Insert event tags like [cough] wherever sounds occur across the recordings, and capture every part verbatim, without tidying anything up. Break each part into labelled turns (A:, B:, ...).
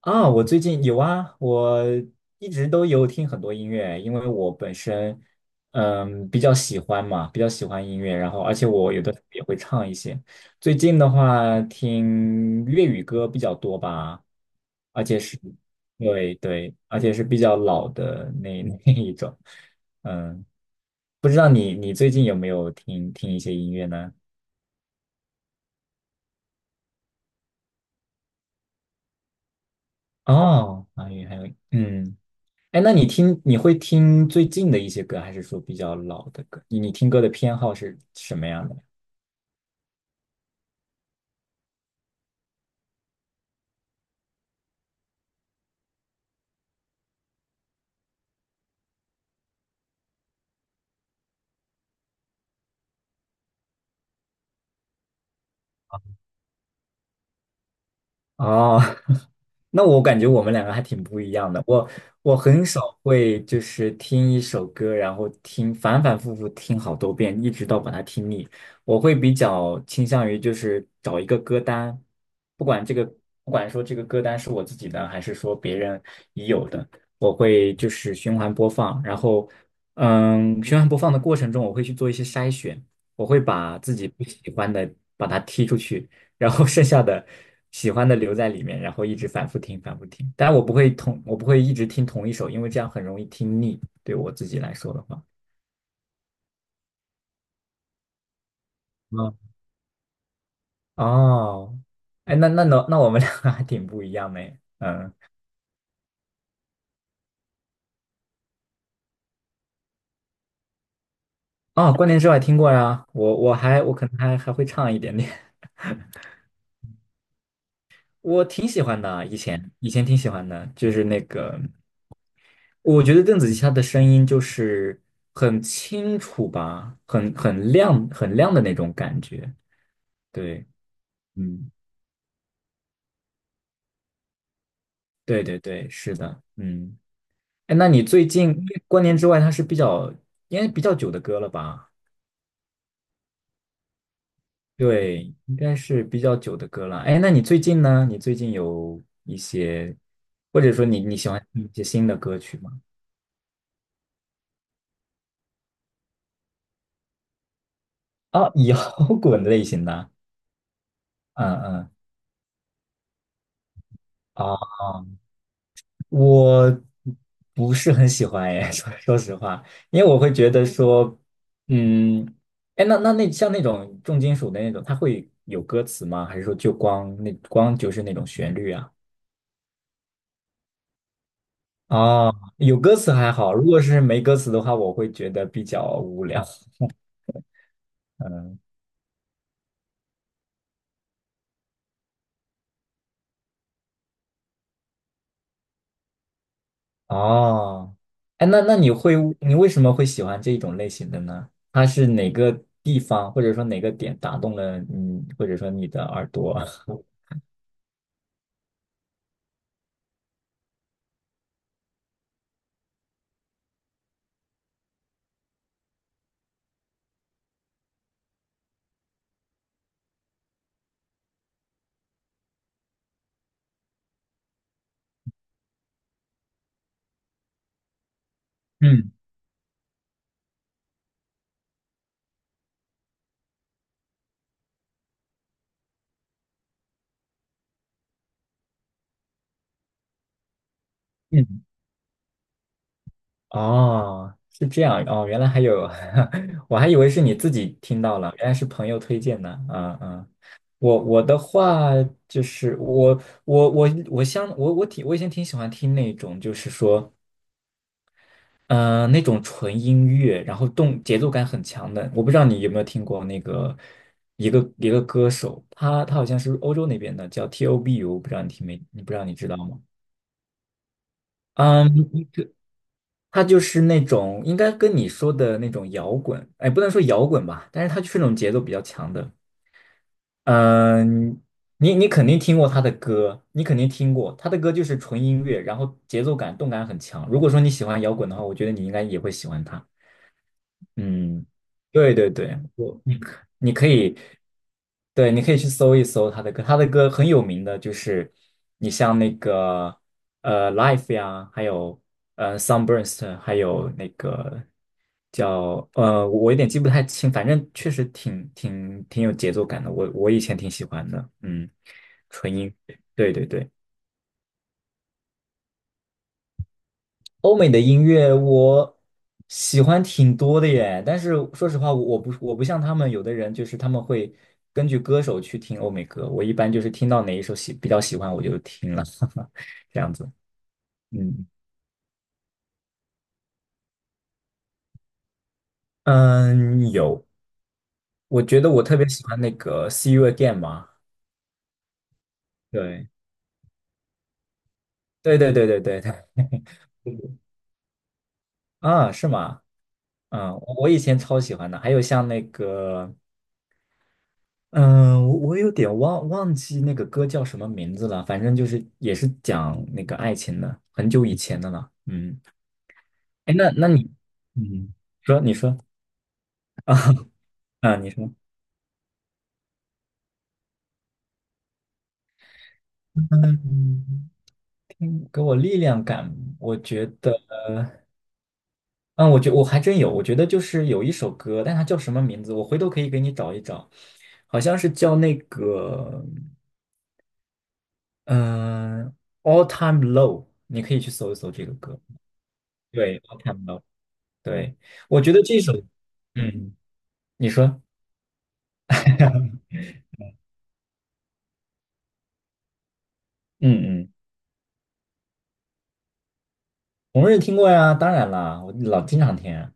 A: 啊，我最近有啊，我一直都有听很多音乐，因为我本身嗯比较喜欢嘛，比较喜欢音乐，然后而且我有的时候也会唱一些。最近的话，听粤语歌比较多吧，而且是，对对，而且是比较老的那 [laughs] 那一种。嗯，不知道你你最近有没有听听一些音乐呢？哦，华语还有嗯。哎，那你听，你会听最近的一些歌，还是说比较老的歌？你你听歌的偏好是什么样的？哦，[laughs] 那我感觉我们两个还挺不一样的。我我很少会就是听一首歌，然后听反反复复听好多遍，一直到把它听腻。我会比较倾向于就是找一个歌单，不管这个不管说这个歌单是我自己的，还是说别人已有的，我会就是循环播放。然后，嗯，循环播放的过程中，我会去做一些筛选，我会把自己不喜欢的把它踢出去。然后剩下的喜欢的留在里面，然后一直反复听，反复听。但我不会同，我不会一直听同一首，因为这样很容易听腻。对我自己来说的话，嗯，哦，哎，那那那那我们两个 [laughs] 还挺不一样的耶嗯，哦，关联之外听过呀，我我还我可能还还会唱一点点，[laughs] 我挺喜欢的啊，以前以前挺喜欢的，就是那个，我觉得邓紫棋她的声音就是很清楚吧，很很亮很亮的那种感觉，对。嗯。对对对，是的，嗯，哎，那你最近因过年之外，它是比较应该比较久的歌了吧？对，应该是比较久的歌了。哎，那你最近呢？你最近有一些，或者说你你喜欢听一些新的歌曲吗？啊，摇滚类型的，嗯嗯，哦我不是很喜欢哎，[laughs] 说说实话，因为我会觉得说，嗯，哎，那那那像那种重金属的那种，它会有歌词吗？还是说就光那光就是那种旋律啊？哦，有歌词还好，如果是没歌词的话，我会觉得比较无聊。[laughs] 嗯，哦，哎，那那你会你为什么会喜欢这种类型的呢？它是哪个地方或者说哪个点打动了你，或者说你的耳朵？[laughs] 嗯嗯哦，是这样哦，原来还有，[laughs] 我还以为是你自己听到了，原来是朋友推荐的。嗯嗯，我我的话就是我我我我相我我挺我以前挺喜欢听那种就是说，嗯那种纯音乐，然后动节奏感很强的。我不知道你有没有听过那个一个一个歌手，他他好像是欧洲那边的，叫 T O B U，不知道你听没？你不知道你知道吗？嗯。他就是那种应该跟你说的那种摇滚，哎，不能说摇滚吧，但是他就是那种节奏比较强的。嗯，你你肯定听过他的歌，你肯定听过他的歌，就是纯音乐，然后节奏感、动感很强。如果说你喜欢摇滚的话，我觉得你应该也会喜欢他。嗯，对对对，我你可你可以。对，你可以去搜一搜他的歌，他的歌很有名的，就是你像那个呃《Life》呀，还有呃《Sunburst》，还有那个叫呃，我有点记不太清，反正确实挺挺挺有节奏感的，我我以前挺喜欢的，嗯，纯音，对对对。欧美的音乐我喜欢挺多的耶，但是说实话，我我不我不像他们有的人，就是他们会根据歌手去听欧美歌，我一般就是听到哪一首喜比较喜欢我就听了，[laughs] 这样子。嗯嗯，有，我觉得我特别喜欢那个《See You Again》嘛，对对对对对对对，[laughs] 啊，是吗？嗯，我我以前超喜欢的，还有像那个。嗯，我我有点忘忘记那个歌叫什么名字了，反正就是也是讲那个爱情的，很久以前的了。嗯，哎，那那你，嗯，说你说啊，你说，嗯，给我力量感，我觉得，嗯，我觉我还真有，我觉得就是有一首歌，但它叫什么名字，我回头可以给你找一找，好像是叫那个，嗯，All Time Low，你可以去搜一搜这个歌，对，All Time Low，对，我觉得这首，嗯。你说，嗯嗯，红日听过呀，当然啦，我老经常听啊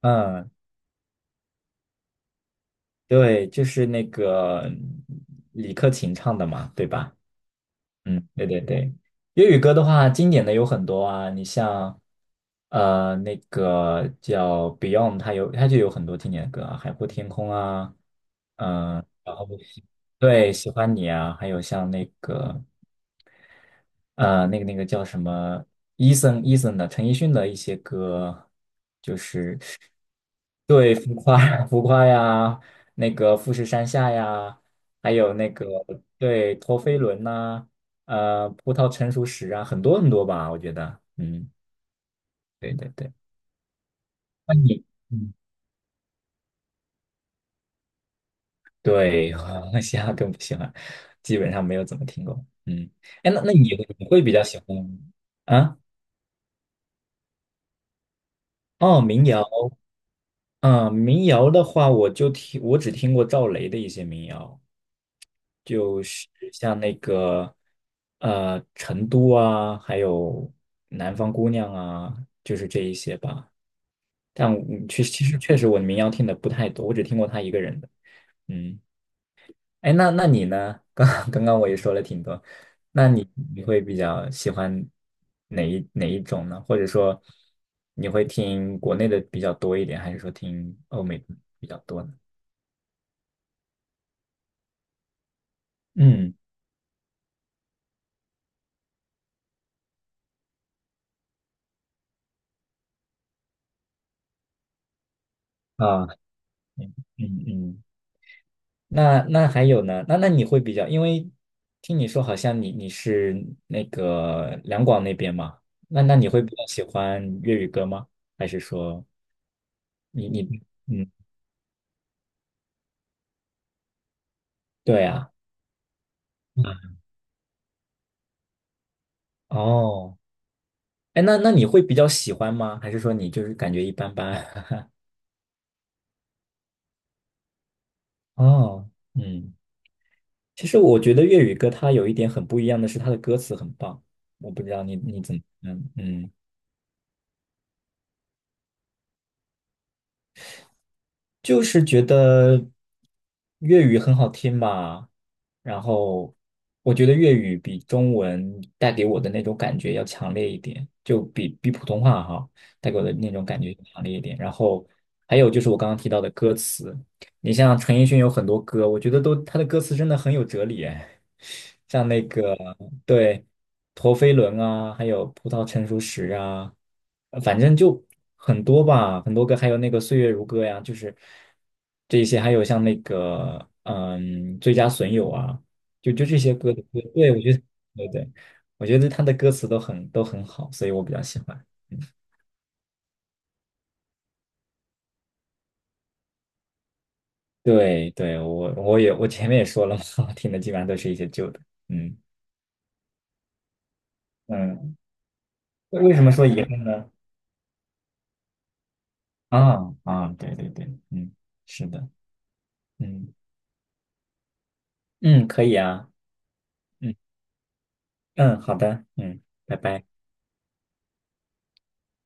A: 嗯，对，就是那个李克勤唱的嘛，对吧？嗯，对对对。粤语歌的话，经典的有很多啊，你像呃那个叫 Beyond，它有它就有很多经典的歌啊，《海阔天空》啊，嗯、然后对，喜欢你啊，还有像那个。呃，那个那个叫什么，e Eason a s o n 的陈奕迅的一些歌，就是对浮夸 [laughs] 浮夸呀，那个富士山下呀，还有那个对陀飞轮呐、呃，葡萄成熟时啊，很多很多吧，我觉得，嗯，对对对，那你，嗯，对，[laughs] 我嘻哈更不喜欢，基本上没有怎么听过，嗯，哎，那那你你会比较喜欢啊？哦，民谣。嗯，民谣的话，我就听，我只听过赵雷的一些民谣，就是像那个呃《成都》啊，还有《南方姑娘》啊，就是这一些吧。但我确其实确实我民谣听的不太多，我只听过他一个人的。嗯，哎，那那你呢？刚 [laughs] 刚刚我也说了挺多，那你你会比较喜欢哪一哪一种呢？或者说你会听国内的比较多一点，还是说听欧美的比较多呢？嗯。啊，嗯嗯，那那还有呢？那那你会比较，因为听你说好像你你是那个两广那边嘛，那那你会比较喜欢粤语歌吗？还是说你你嗯，对啊，哦，哎，那那你会比较喜欢吗？还是说你就是感觉一般般？[laughs] 哦，嗯，其实我觉得粤语歌它有一点很不一样的是，它的歌词很棒，我不知道你你怎么看，嗯。就是觉得粤语很好听吧，然后我觉得粤语比中文带给我的那种感觉要强烈一点，就比比普通话哈带给我的那种感觉强烈一点。然后还有就是我刚刚提到的歌词，你像陈奕迅有很多歌，我觉得都他的歌词真的很有哲理哎，[laughs] 像那个对。陀飞轮啊，还有葡萄成熟时啊，呃反正就很多吧，很多个，还有那个岁月如歌呀，就是这些，还有像那个嗯，最佳损友啊，就就这些歌的歌，对，我觉得，对对，我觉得他的歌词都很都很好，所以我比较喜欢。嗯，对对，我我也我前面也说了嘛，[laughs] 听的基本上都是一些旧的。嗯嗯，为什么说遗憾呢？啊啊，对对对，嗯，是的，嗯嗯，可以啊。嗯。嗯，好的，嗯，拜拜。